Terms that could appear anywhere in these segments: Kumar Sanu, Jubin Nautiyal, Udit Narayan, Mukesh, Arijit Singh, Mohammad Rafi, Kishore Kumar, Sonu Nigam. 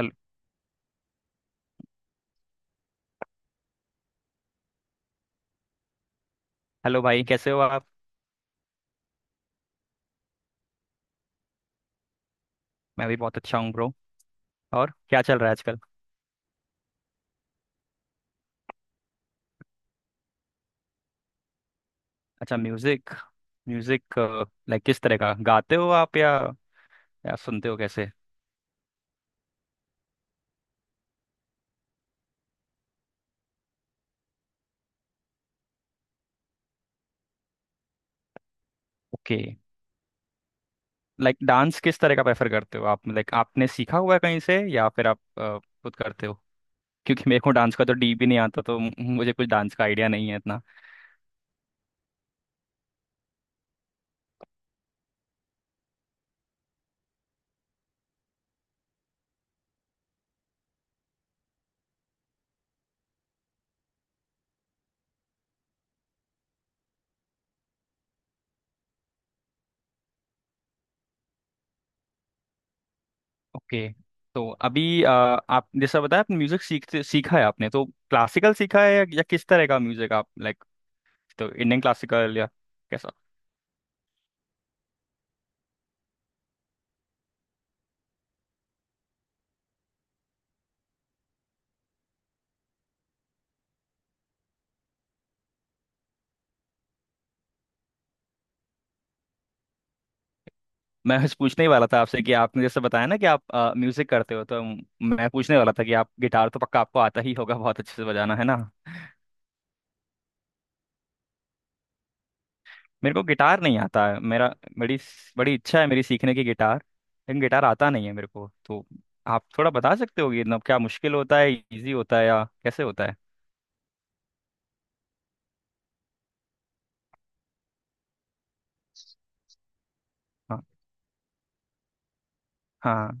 Hello- hello भाई, कैसे हो आप। मैं भी बहुत अच्छा हूँ ब्रो। और क्या चल रहा है आजकल। अच्छा म्यूजिक। म्यूजिक। लाइक किस तरह का गाते हो आप, या सुनते हो कैसे। ओके। लाइक डांस किस तरह का प्रेफर करते हो आप, लाइक आपने सीखा हुआ है कहीं से या फिर आप खुद करते हो। क्योंकि मेरे को डांस का तो डी भी नहीं आता, तो मुझे कुछ डांस का आइडिया नहीं है इतना। ओके। तो अभी आप जैसा बताया, आप म्यूजिक सीखते सीखा है आपने तो। क्लासिकल सीखा है या किस तरह का म्यूजिक आप लाइक, तो इंडियन क्लासिकल या कैसा? मैं बस पूछने ही वाला था आपसे कि आपने जैसे बताया ना कि आप म्यूजिक करते हो, तो मैं पूछने वाला था कि आप गिटार तो पक्का आपको आता ही होगा बहुत अच्छे से बजाना, है ना। मेरे को गिटार नहीं आता है। मेरा बड़ी बड़ी इच्छा है मेरी सीखने की गिटार, लेकिन गिटार आता नहीं है मेरे को। तो आप थोड़ा बता सकते हो कि मतलब क्या मुश्किल होता है, इजी होता है, या कैसे होता है। हाँ, हाँ।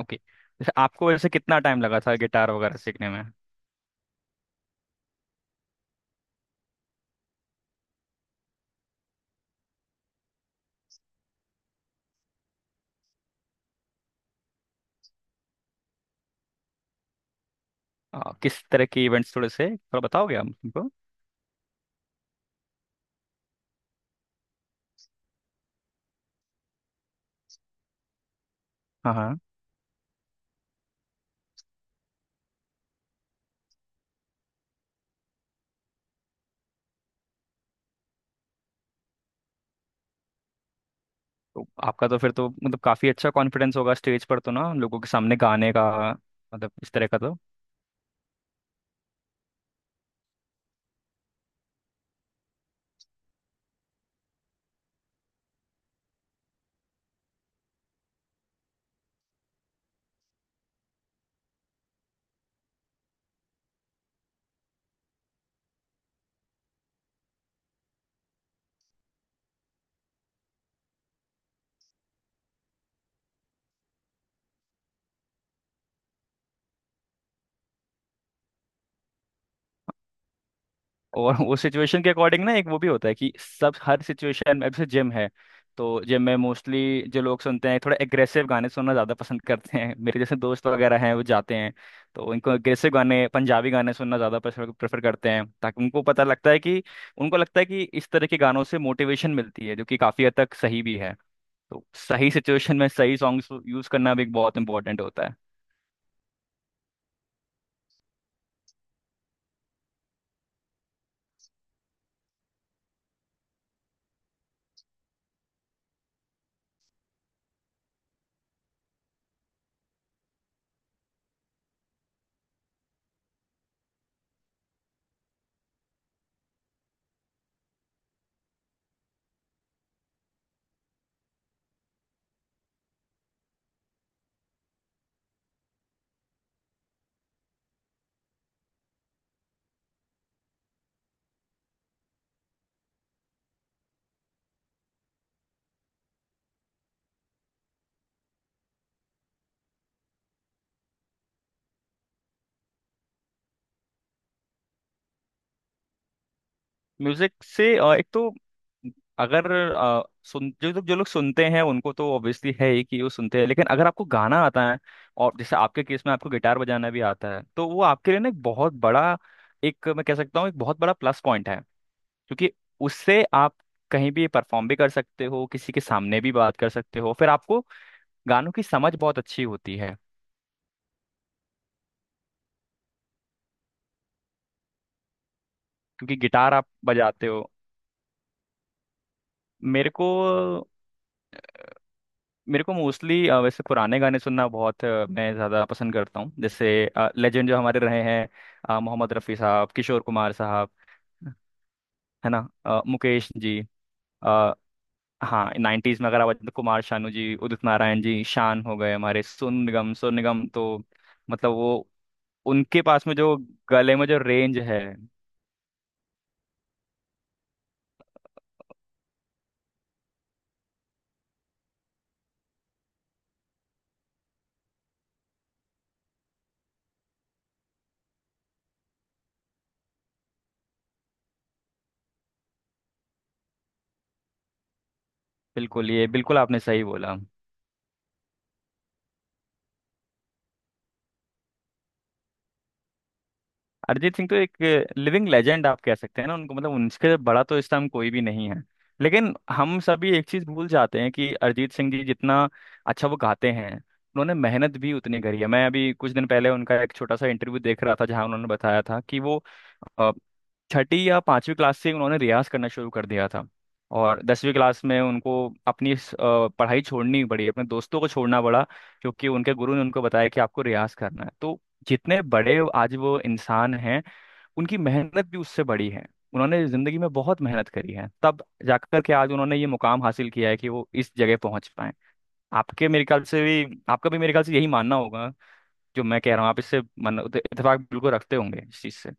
ओके, जैसे आपको वैसे कितना टाइम लगा था गिटार वगैरह सीखने में। किस तरह के इवेंट्स, थोड़े से थोड़ा बताओगे आप हमको। हाँ, हाँ। तो आपका तो फिर तो मतलब काफी अच्छा कॉन्फिडेंस होगा स्टेज पर तो ना, लोगों के सामने गाने का, मतलब इस तरह का तो। और वो सिचुएशन के अकॉर्डिंग ना, एक वो भी होता है कि सब हर सिचुएशन में, अब जैसे जिम है, तो जिम में मोस्टली जो लोग सुनते हैं थोड़ा एग्रेसिव गाने सुनना ज़्यादा पसंद करते हैं, मेरे जैसे दोस्त वगैरह हैं वो जाते हैं, तो उनको एग्रेसिव गाने, पंजाबी गाने सुनना ज़्यादा प्रेफर प्रेफर करते हैं, ताकि उनको पता लगता है कि उनको लगता है कि इस तरह के गानों से मोटिवेशन मिलती है, जो कि काफ़ी हद तक सही भी है। तो सही सिचुएशन में सही सॉन्ग्स यूज करना भी एक बहुत इंपॉर्टेंट होता है। म्यूजिक से एक तो अगर सुन जो लोग सुनते हैं उनको तो ऑब्वियसली है ही कि वो सुनते हैं, लेकिन अगर आपको गाना आता है, और जैसे आपके केस में आपको गिटार बजाना भी आता है, तो वो आपके लिए ना एक बहुत बड़ा एक मैं कह सकता हूँ एक बहुत बड़ा प्लस पॉइंट है। क्योंकि उससे आप कहीं भी परफॉर्म भी कर सकते हो, किसी के सामने भी बात कर सकते हो, फिर आपको गानों की समझ बहुत अच्छी होती है, क्योंकि गिटार आप बजाते हो। मेरे को मेरे को मोस्टली वैसे पुराने गाने सुनना बहुत मैं ज़्यादा पसंद करता हूँ, जैसे लेजेंड जो हमारे रहे हैं, मोहम्मद रफ़ी साहब, किशोर कुमार साहब, है ना, मुकेश जी, आ, हाँ, 90s में अगर आप, कुमार शानू जी, उदित नारायण जी, शान हो गए हमारे, सोनू निगम, सोनू निगम, तो मतलब वो, उनके पास में जो गले में जो रेंज है। बिल्कुल, ये बिल्कुल आपने सही बोला। अरिजीत सिंह तो एक लिविंग लेजेंड आप कह सकते हैं ना उनको, मतलब उनसे बड़ा तो इस टाइम कोई भी नहीं है। लेकिन हम सभी एक चीज भूल जाते हैं कि अरिजीत सिंह जी जितना अच्छा वो गाते हैं, उन्होंने मेहनत भी उतनी करी है। मैं अभी कुछ दिन पहले उनका एक छोटा सा इंटरव्यू देख रहा था, जहां उन्होंने बताया था कि वो अ, छठी या पांचवी क्लास से उन्होंने रियाज करना शुरू कर दिया था, और 10वीं क्लास में उनको अपनी पढ़ाई छोड़नी पड़ी, अपने दोस्तों को छोड़ना पड़ा, क्योंकि उनके गुरु ने उनको बताया कि आपको रियाज करना है। तो जितने बड़े आज वो इंसान हैं, उनकी मेहनत भी उससे बड़ी है। उन्होंने जिंदगी में बहुत मेहनत करी है, तब जाकर के आज उन्होंने ये मुकाम हासिल किया है कि वो इस जगह पहुंच पाए। आपके मेरे ख्याल से भी, आपका भी मेरे ख्याल से यही मानना होगा, जो मैं कह रहा हूँ, आप इससे मन इतफाक बिल्कुल रखते होंगे इस चीज से।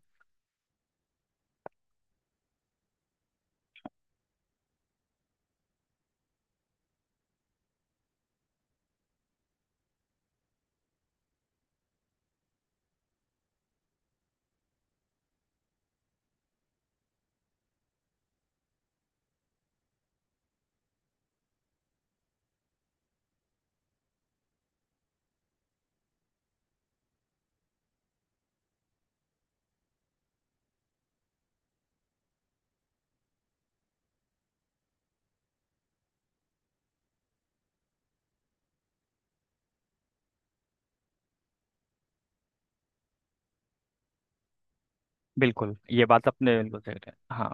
बिल्कुल, ये बात अपने बिल्कुल सही है। हाँ,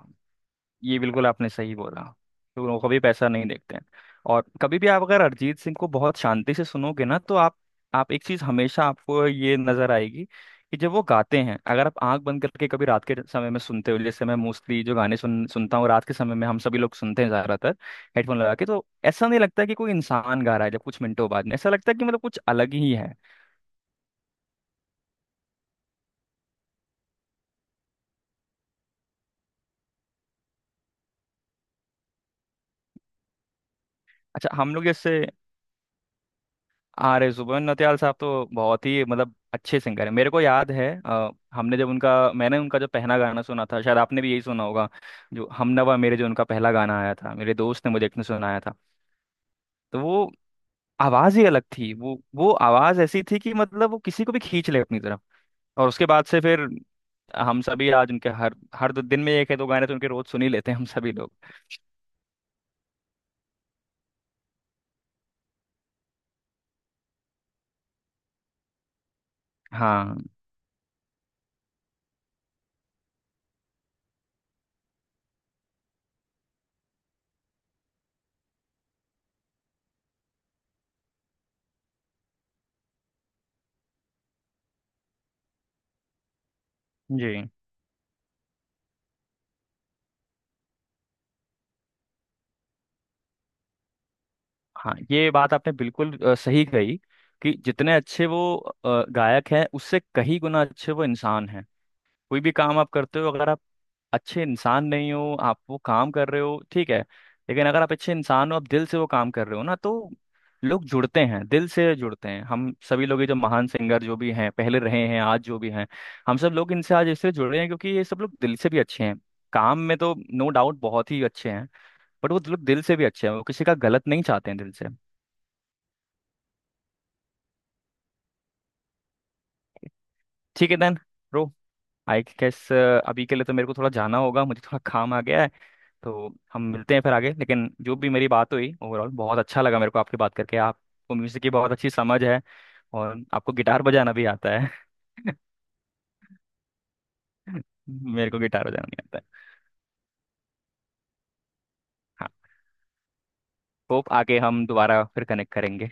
ये बिल्कुल आपने सही बोला। तो लोग कभी पैसा नहीं देखते हैं। और कभी भी आप अगर अरिजीत सिंह को बहुत शांति से सुनोगे ना, तो आप एक चीज हमेशा आपको ये नजर आएगी कि जब वो गाते हैं, अगर आप आंख बंद करके कभी रात के समय में सुनते हो, जैसे मैं मोस्टली जो गाने सुनता हूँ रात के समय में, हम सभी लोग सुनते हैं ज्यादातर हेडफोन लगा के, तो ऐसा नहीं लगता कि कोई इंसान गा रहा है, जब कुछ मिनटों बाद में ऐसा लगता है कि मतलब कुछ अलग ही है। अच्छा, हम लोग जैसे, आर, जुबेन नौटियाल साहब तो बहुत ही मतलब अच्छे सिंगर है मेरे को याद है, हमने जब उनका मैंने उनका जो पहला गाना सुना था, शायद आपने भी यही सुना होगा, जो हमनवा मेरे, जो उनका पहला गाना आया था, मेरे दोस्त ने मुझे एक ने सुनाया था। तो वो आवाज ही अलग थी, वो आवाज ऐसी थी कि मतलब वो किसी को भी खींच ले अपनी तरफ। और उसके बाद से फिर हम सभी आज उनके हर हर 2 दिन में एक है दो गाने तो उनके रोज सुन ही लेते हैं हम सभी लोग। हाँ जी। हाँ, ये बात आपने बिल्कुल सही कही। कि जितने अच्छे वो गायक हैं, उससे कहीं गुना अच्छे वो इंसान हैं। कोई भी काम आप करते हो, अगर आप अच्छे इंसान नहीं हो, आप वो काम कर रहे हो ठीक है, लेकिन अगर आप अच्छे इंसान हो, आप दिल से वो काम कर रहे हो ना, तो लोग जुड़ते हैं, दिल से जुड़ते हैं। हम सभी लोग ये जो महान सिंगर जो भी हैं, पहले रहे हैं, आज जो भी हैं, हम सब लोग इनसे आज इसलिए जुड़ रहे हैं क्योंकि ये सब लोग दिल से भी अच्छे हैं। काम में तो नो डाउट बहुत ही अच्छे हैं, बट वो लोग दिल से भी अच्छे हैं, वो किसी का गलत नहीं चाहते हैं दिल से। ठीक है देन ब्रो, आई गेस अभी के लिए तो मेरे को थोड़ा जाना होगा, मुझे थोड़ा काम आ गया है, तो हम मिलते हैं फिर आगे। लेकिन जो भी मेरी बात हुई ओवरऑल, बहुत अच्छा लगा मेरे को आपकी बात करके, आपको म्यूजिक की बहुत अच्छी समझ है, और आपको गिटार बजाना भी आता है। मेरे को गिटार बजाना नहीं आता है। हाँ, होप आगे हम दोबारा फिर कनेक्ट करेंगे।